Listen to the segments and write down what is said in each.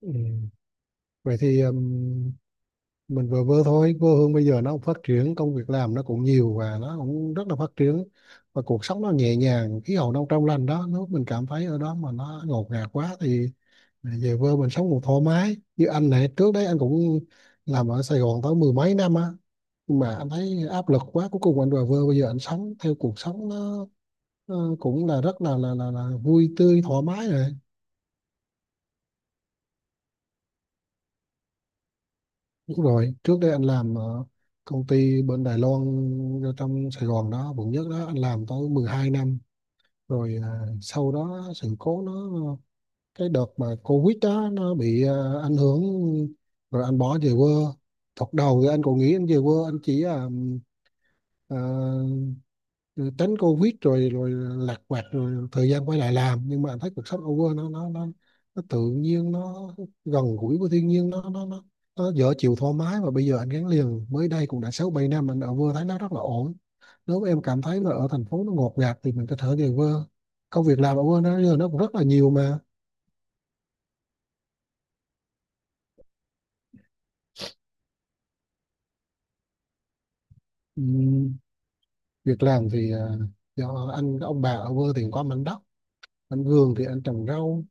Ừ. Vậy thì mình vừa vừa thôi, quê hương bây giờ nó cũng phát triển, công việc làm nó cũng nhiều và nó cũng rất là phát triển, và cuộc sống nó nhẹ nhàng, khí hậu nó trong lành đó. Nếu mình cảm thấy ở đó mà nó ngột ngạt quá thì về quê mình sống cũng thoải mái. Như anh này, trước đấy anh cũng làm ở Sài Gòn tới mười mấy năm á, nhưng mà anh thấy áp lực quá, cuối cùng anh về quê. Bây giờ anh sống theo cuộc sống nó cũng là rất là vui tươi thoải mái rồi. Đúng rồi, trước đây anh làm ở công ty bên Đài Loan ở trong Sài Gòn đó, quận nhất đó, anh làm tới 12 năm. Rồi sau đó sự cố cái đợt mà Covid đó nó bị ảnh hưởng, rồi anh bỏ về quê. Thật đầu thì anh còn nghĩ anh về quê, anh chỉ ờ, rồi tránh Covid rồi rồi lạc quạt rồi thời gian quay lại làm. Nhưng mà anh thấy cuộc sống ở quê nó nó tự nhiên, nó gần gũi với thiên nhiên, nó nó dở chịu thoải mái. Và bây giờ anh gắn liền mới đây cũng đã sáu bảy năm anh ở quê thấy nó rất là ổn. Nếu mà em cảm thấy là ở thành phố nó ngột ngạt thì mình có thể về quê, công việc làm ở quê nó giờ nó cũng rất là nhiều mà. Ừm, Việc làm thì do anh ông bà ở quê thì có mảnh đất, anh vườn thì anh trồng rau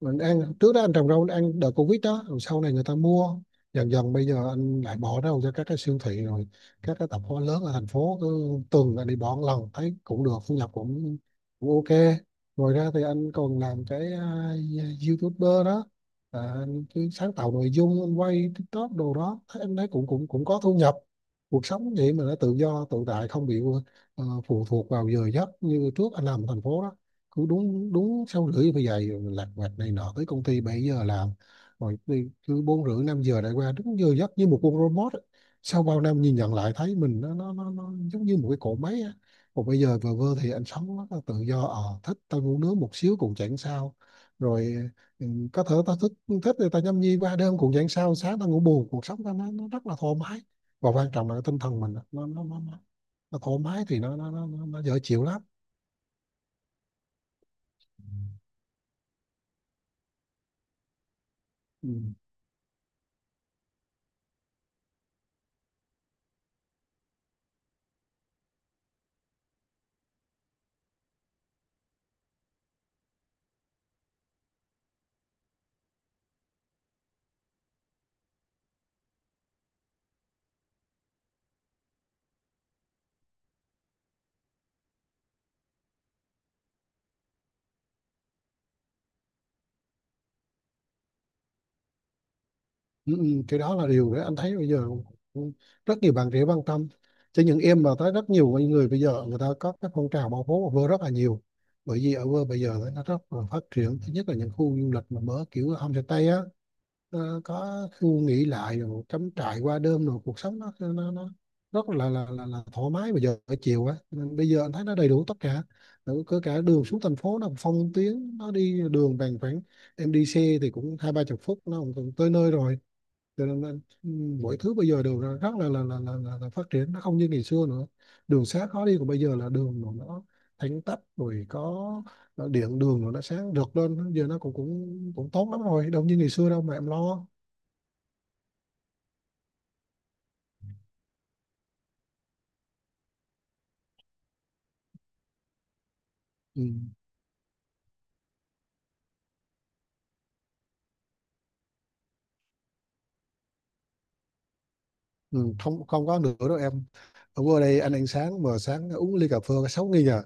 mình ăn. Trước đó anh trồng rau anh ăn đợt Covid đó, rồi sau này người ta mua, dần dần bây giờ anh lại bỏ rau cho các cái siêu thị rồi các cái tạp hóa lớn ở thành phố. Cứ tuần anh đi bỏ một lần, thấy cũng được, thu nhập cũng cũng ok. Ngoài ra thì anh còn làm cái YouTuber đó. Anh cứ sáng tạo nội dung, anh quay TikTok đồ đó, thấy anh thấy cũng cũng cũng có thu nhập. Cuộc sống vậy mà nó tự do tự tại, không bị phụ thuộc vào giờ giấc như trước anh làm ở thành phố đó. Cứ đúng đúng 6:30 bây giờ lặt vặt này nọ tới công ty 7 giờ làm, rồi đi cứ 4:30 5 giờ lại qua, đúng giờ giấc như một con robot á. Sau bao năm nhìn nhận lại thấy mình nó giống như một cái cỗ máy á. Còn bây giờ vờ vơ thì anh sống rất là tự do, ờ thích tao ngủ nướng một xíu cũng chẳng sao. Rồi ừ, có thể tao thích, thích thì tao nhâm nhi qua đêm cũng chẳng sao, sáng tao ngủ bù. Cuộc sống tao nó rất là thoải mái. Và quan trọng là cái tinh thần mình á, nó thoải mái thì nó dễ chịu lắm. Ừ. Ừ, ừ, cái đó là điều đấy anh thấy bây giờ rất nhiều bạn trẻ quan tâm, cho những em mà tới rất nhiều người. Bây giờ người ta có các phong trào bảo phố ở vơ rất là nhiều, bởi vì ở vơ bây giờ nó rất là phát triển. Thứ nhất là những khu du lịch mà mở kiểu homestay á, nó có khu nghỉ lại rồi cắm trại qua đêm, rồi cuộc sống nó rất là thoải mái bây giờ ở chiều á. Nên bây giờ anh thấy nó đầy đủ tất cả. Rồi có cả đường xuống thành phố, nó phong tuyến, nó đi đường bằng khoảng em đi xe thì cũng hai ba chục phút nó cũng tới nơi rồi. Cho nên là, mọi thứ bây giờ đều là rất là phát triển, nó không như ngày xưa nữa. Đường xá khó đi của bây giờ là đường rồi, nó thẳng tắp, rồi có điện đường, rồi nó sáng rực lên, giờ nó cũng cũng cũng tốt lắm rồi, đâu như ngày xưa đâu mà em lo. Ừ. Ừ, không không có nữa đâu em. Ở qua đây anh ăn sáng mà sáng uống ly cà phê 6.000 à.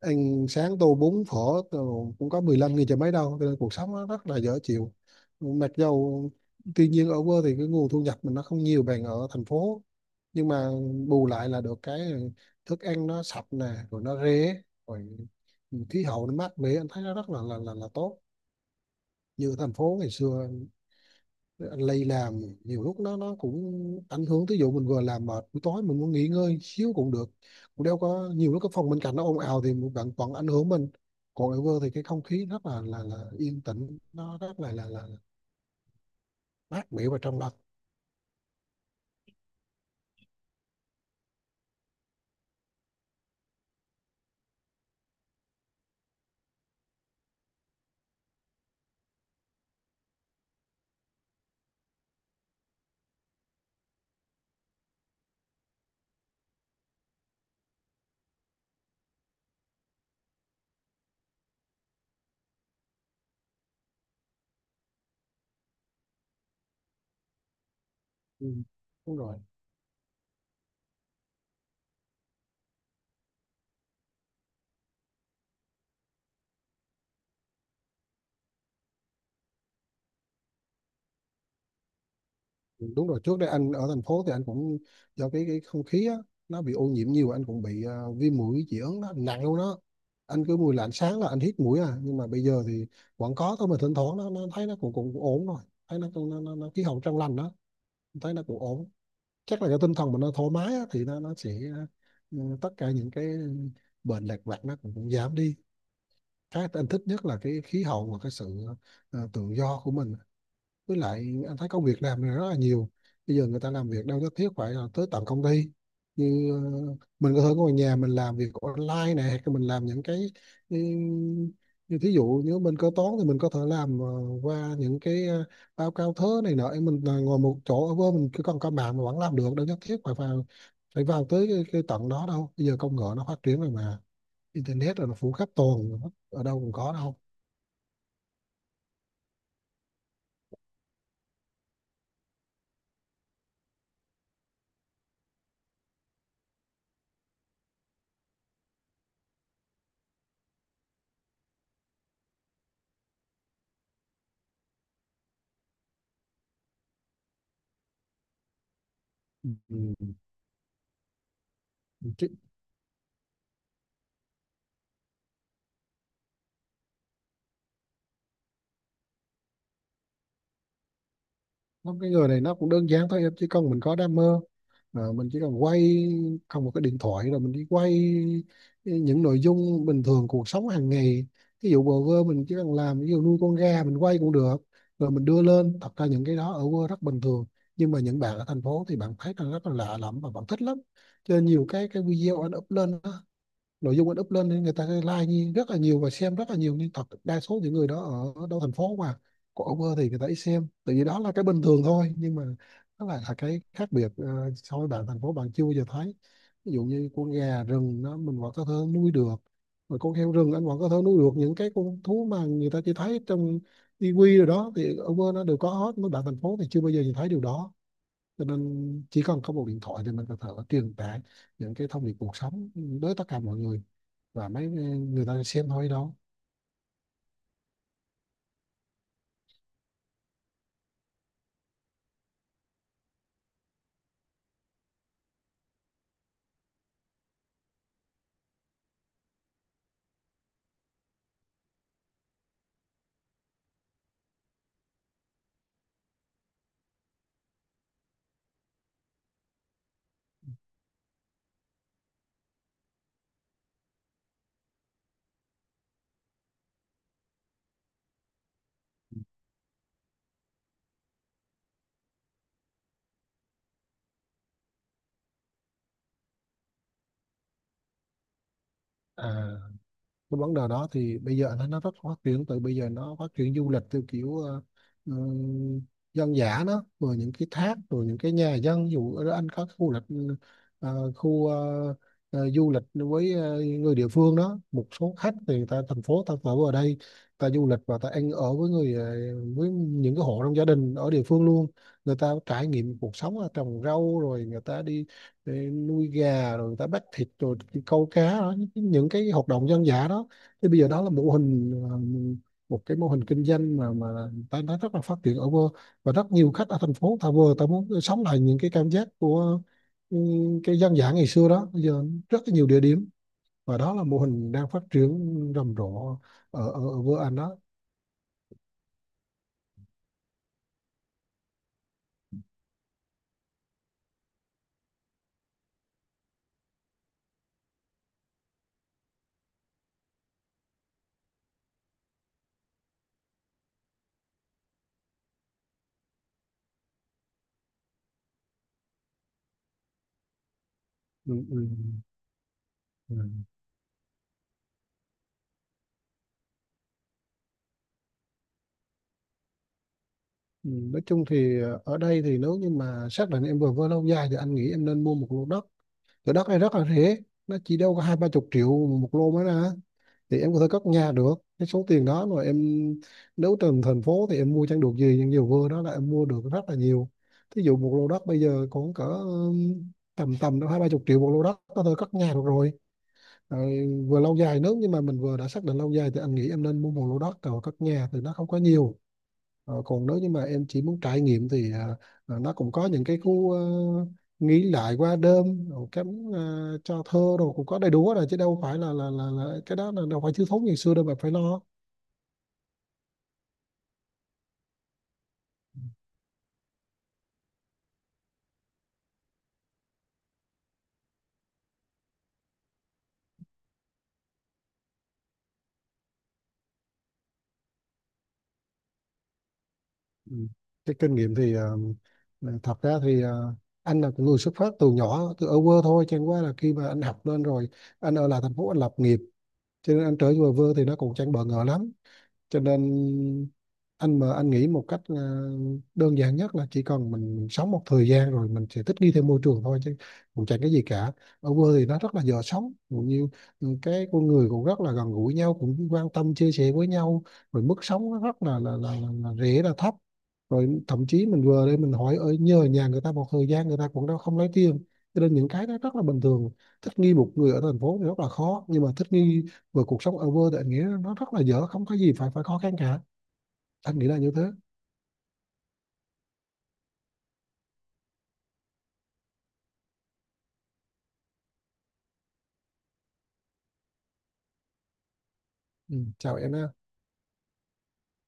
Ăn sáng tô bún phở đồ cũng có 15.000, chả mấy đâu. Cho nên cuộc sống nó rất là dở chịu. Mặc dầu, tuy nhiên ở quê thì cái nguồn thu nhập mình nó không nhiều bằng ở thành phố, nhưng mà bù lại là được cái thức ăn nó sạch nè, rồi nó rẻ, rồi khí hậu nó mát mẻ, anh thấy nó rất là tốt. Như ở thành phố ngày xưa lây làm nhiều lúc nó cũng ảnh hưởng. Ví dụ mình vừa làm mệt buổi tối mình muốn nghỉ ngơi xíu cũng được, cũng đâu có. Nhiều lúc cái phòng bên cạnh nó ồn ào thì bạn vẫn ảnh hưởng mình. Còn ở vơ thì cái không khí rất là yên tĩnh, nó rất mát mẻ và trong lành. Ừ. đúng rồi Đúng rồi, trước đây anh ở thành phố thì anh cũng do cái không khí á, nó bị ô nhiễm nhiều, anh cũng bị viêm mũi dị ứng, nó nặng luôn đó. Anh cứ mùi lạnh sáng là anh hít mũi à. Nhưng mà bây giờ thì vẫn có thôi, mà thỉnh thoảng nó thấy nó cũng cũng cũng ổn rồi. Thấy nó khí hậu trong lành đó, thấy nó cũng ổn. Chắc là cái tinh thần mình nó thoải mái á, thì nó sẽ, ừ, tất cả những cái bệnh lặt vặt cũng giảm đi. Cái anh thích nhất là cái khí hậu và cái sự tự do của mình. Với lại anh thấy công việc làm này rất là nhiều. Bây giờ người ta làm việc đâu nhất thiết phải là tới tận công ty. Như mình có thể ngồi nhà mình làm việc online này, hay mình làm những cái, ừ, như thí dụ nếu mình kế toán thì mình có thể làm qua những cái báo cáo thớ này nọ. Mình là ngồi một chỗ ở bên mình, cứ còn có mạng mà vẫn làm được, đâu nhất thiết phải vào, tới cái, tận đó đâu. Bây giờ công nghệ nó phát triển rồi mà, internet rồi nó phủ khắp toàn, ở đâu cũng có đâu. Ừ. Không, cái người này nó cũng đơn giản thôi, em chỉ cần mình có đam mê. Mình chỉ cần quay không một cái điện thoại rồi mình đi quay những nội dung bình thường cuộc sống hàng ngày. Ví dụ bờ vơ mình chỉ cần làm, ví dụ nuôi con gà mình quay cũng được, rồi mình đưa lên. Thật ra những cái đó ở quê rất bình thường, nhưng mà những bạn ở thành phố thì bạn thấy là rất là lạ lẫm và bạn thích lắm. Cho nên nhiều cái video anh up lên đó, nội dung anh up lên nên người ta like như rất là nhiều và xem rất là nhiều. Nhưng thật đa số những người đó ở đâu thành phố mà, còn over thì người ta ít xem, tại vì đó là cái bình thường thôi. Nhưng mà nó lại là cái khác biệt so với bạn thành phố, bạn chưa bao giờ thấy. Ví dụ như con gà rừng nó mình vẫn có thể nuôi được, rồi con heo rừng anh vẫn có thể nuôi được. Những cái con thú mà người ta chỉ thấy trong tivi rồi đó thì over nó đều có hết, mấy bạn thành phố thì chưa bao giờ nhìn thấy điều đó. Cho nên chỉ cần có một điện thoại thì mình có thể truyền tải những cái thông điệp cuộc sống đến tất cả mọi người, và mấy người ta xem thôi đó. À, cái vấn đề đó thì bây giờ nó rất phát triển. Từ bây giờ nó phát triển du lịch theo kiểu ừ, dân dã đó, rồi những cái thác, rồi những cái nhà dân. Ví dụ ở đó anh có khu lịch, ờ, khu ờ, du lịch với người địa phương đó. Một số khách thì người ta thành phố ta ở ở đây, ta du lịch và ta ăn ở với người, với những cái hộ trong gia đình ở địa phương luôn. Người ta trải nghiệm cuộc sống là trồng rau, rồi người ta đi để nuôi gà, rồi người ta bắt thịt, rồi đi câu cá đó, những cái hoạt động dân dã đó. Thì bây giờ đó là mô hình, một cái mô hình kinh doanh mà ta nó rất là phát triển ở vơ. Và rất nhiều khách ở thành phố người ta vừa ta muốn sống lại những cái cảm giác của, ừ, cái dân dã ngày xưa đó. Bây giờ rất là nhiều địa điểm, và đó là mô hình đang phát triển rầm rộ ở ở vô Anh đó. Ừ, ừ, ừ. Ừ, nói chung thì ở đây thì nếu như mà xác định em vừa với lâu dài thì anh nghĩ em nên mua một lô đất. Thửa đất này rất là rẻ, nó chỉ đâu có hai ba chục triệu một lô mới ra, thì em có thể cất nhà được. Cái số tiền đó mà em nếu trên thành phố thì em mua chẳng được gì, nhưng nhiều vừa đó là em mua được rất là nhiều. Thí dụ một lô đất bây giờ cũng cỡ tầm tầm đâu hai ba chục triệu một lô đất có thể cất nhà được rồi. Rồi vừa lâu dài, nếu như mà mình vừa đã xác định lâu dài thì anh nghĩ em nên mua một lô đất rồi cất nhà thì nó không có nhiều. Ờ, còn nếu như mà em chỉ muốn trải nghiệm thì nó cũng có những cái khu nghỉ lại qua đêm, rồi cái cho thơ rồi cũng có đầy đủ hết rồi, chứ đâu phải là cái đó là đâu phải thiếu thốn ngày xưa đâu mà phải lo. Ừ. Cái kinh nghiệm thì là thật ra thì anh là cũng người xuất phát từ nhỏ từ ở quê thôi, chẳng qua là khi mà anh học lên rồi anh ở lại thành phố anh lập nghiệp. Cho nên anh trở về quê thì nó cũng chẳng bỡ ngỡ lắm. Cho nên anh mà anh nghĩ một cách là đơn giản nhất là chỉ cần mình sống một thời gian rồi mình sẽ thích nghi theo môi trường thôi, chứ cũng chẳng cái gì cả. Ở quê thì nó rất là dễ sống, cũng như, ừ, cái con người cũng rất là gần gũi nhau, cũng quan tâm chia sẻ với nhau. Rồi mức sống nó rất là rẻ, là thấp. Rồi thậm chí mình vừa đây mình hỏi ở nhờ nhà người ta một thời gian, người ta cũng đâu không lấy tiền. Cho nên những cái đó rất là bình thường. Thích nghi một người ở thành phố thì rất là khó, nhưng mà thích nghi và cuộc sống ở vô tình anh nghĩ nó rất là dở, không có gì phải phải khó khăn cả. Anh nghĩ là như thế. Ừ. Chào em ha.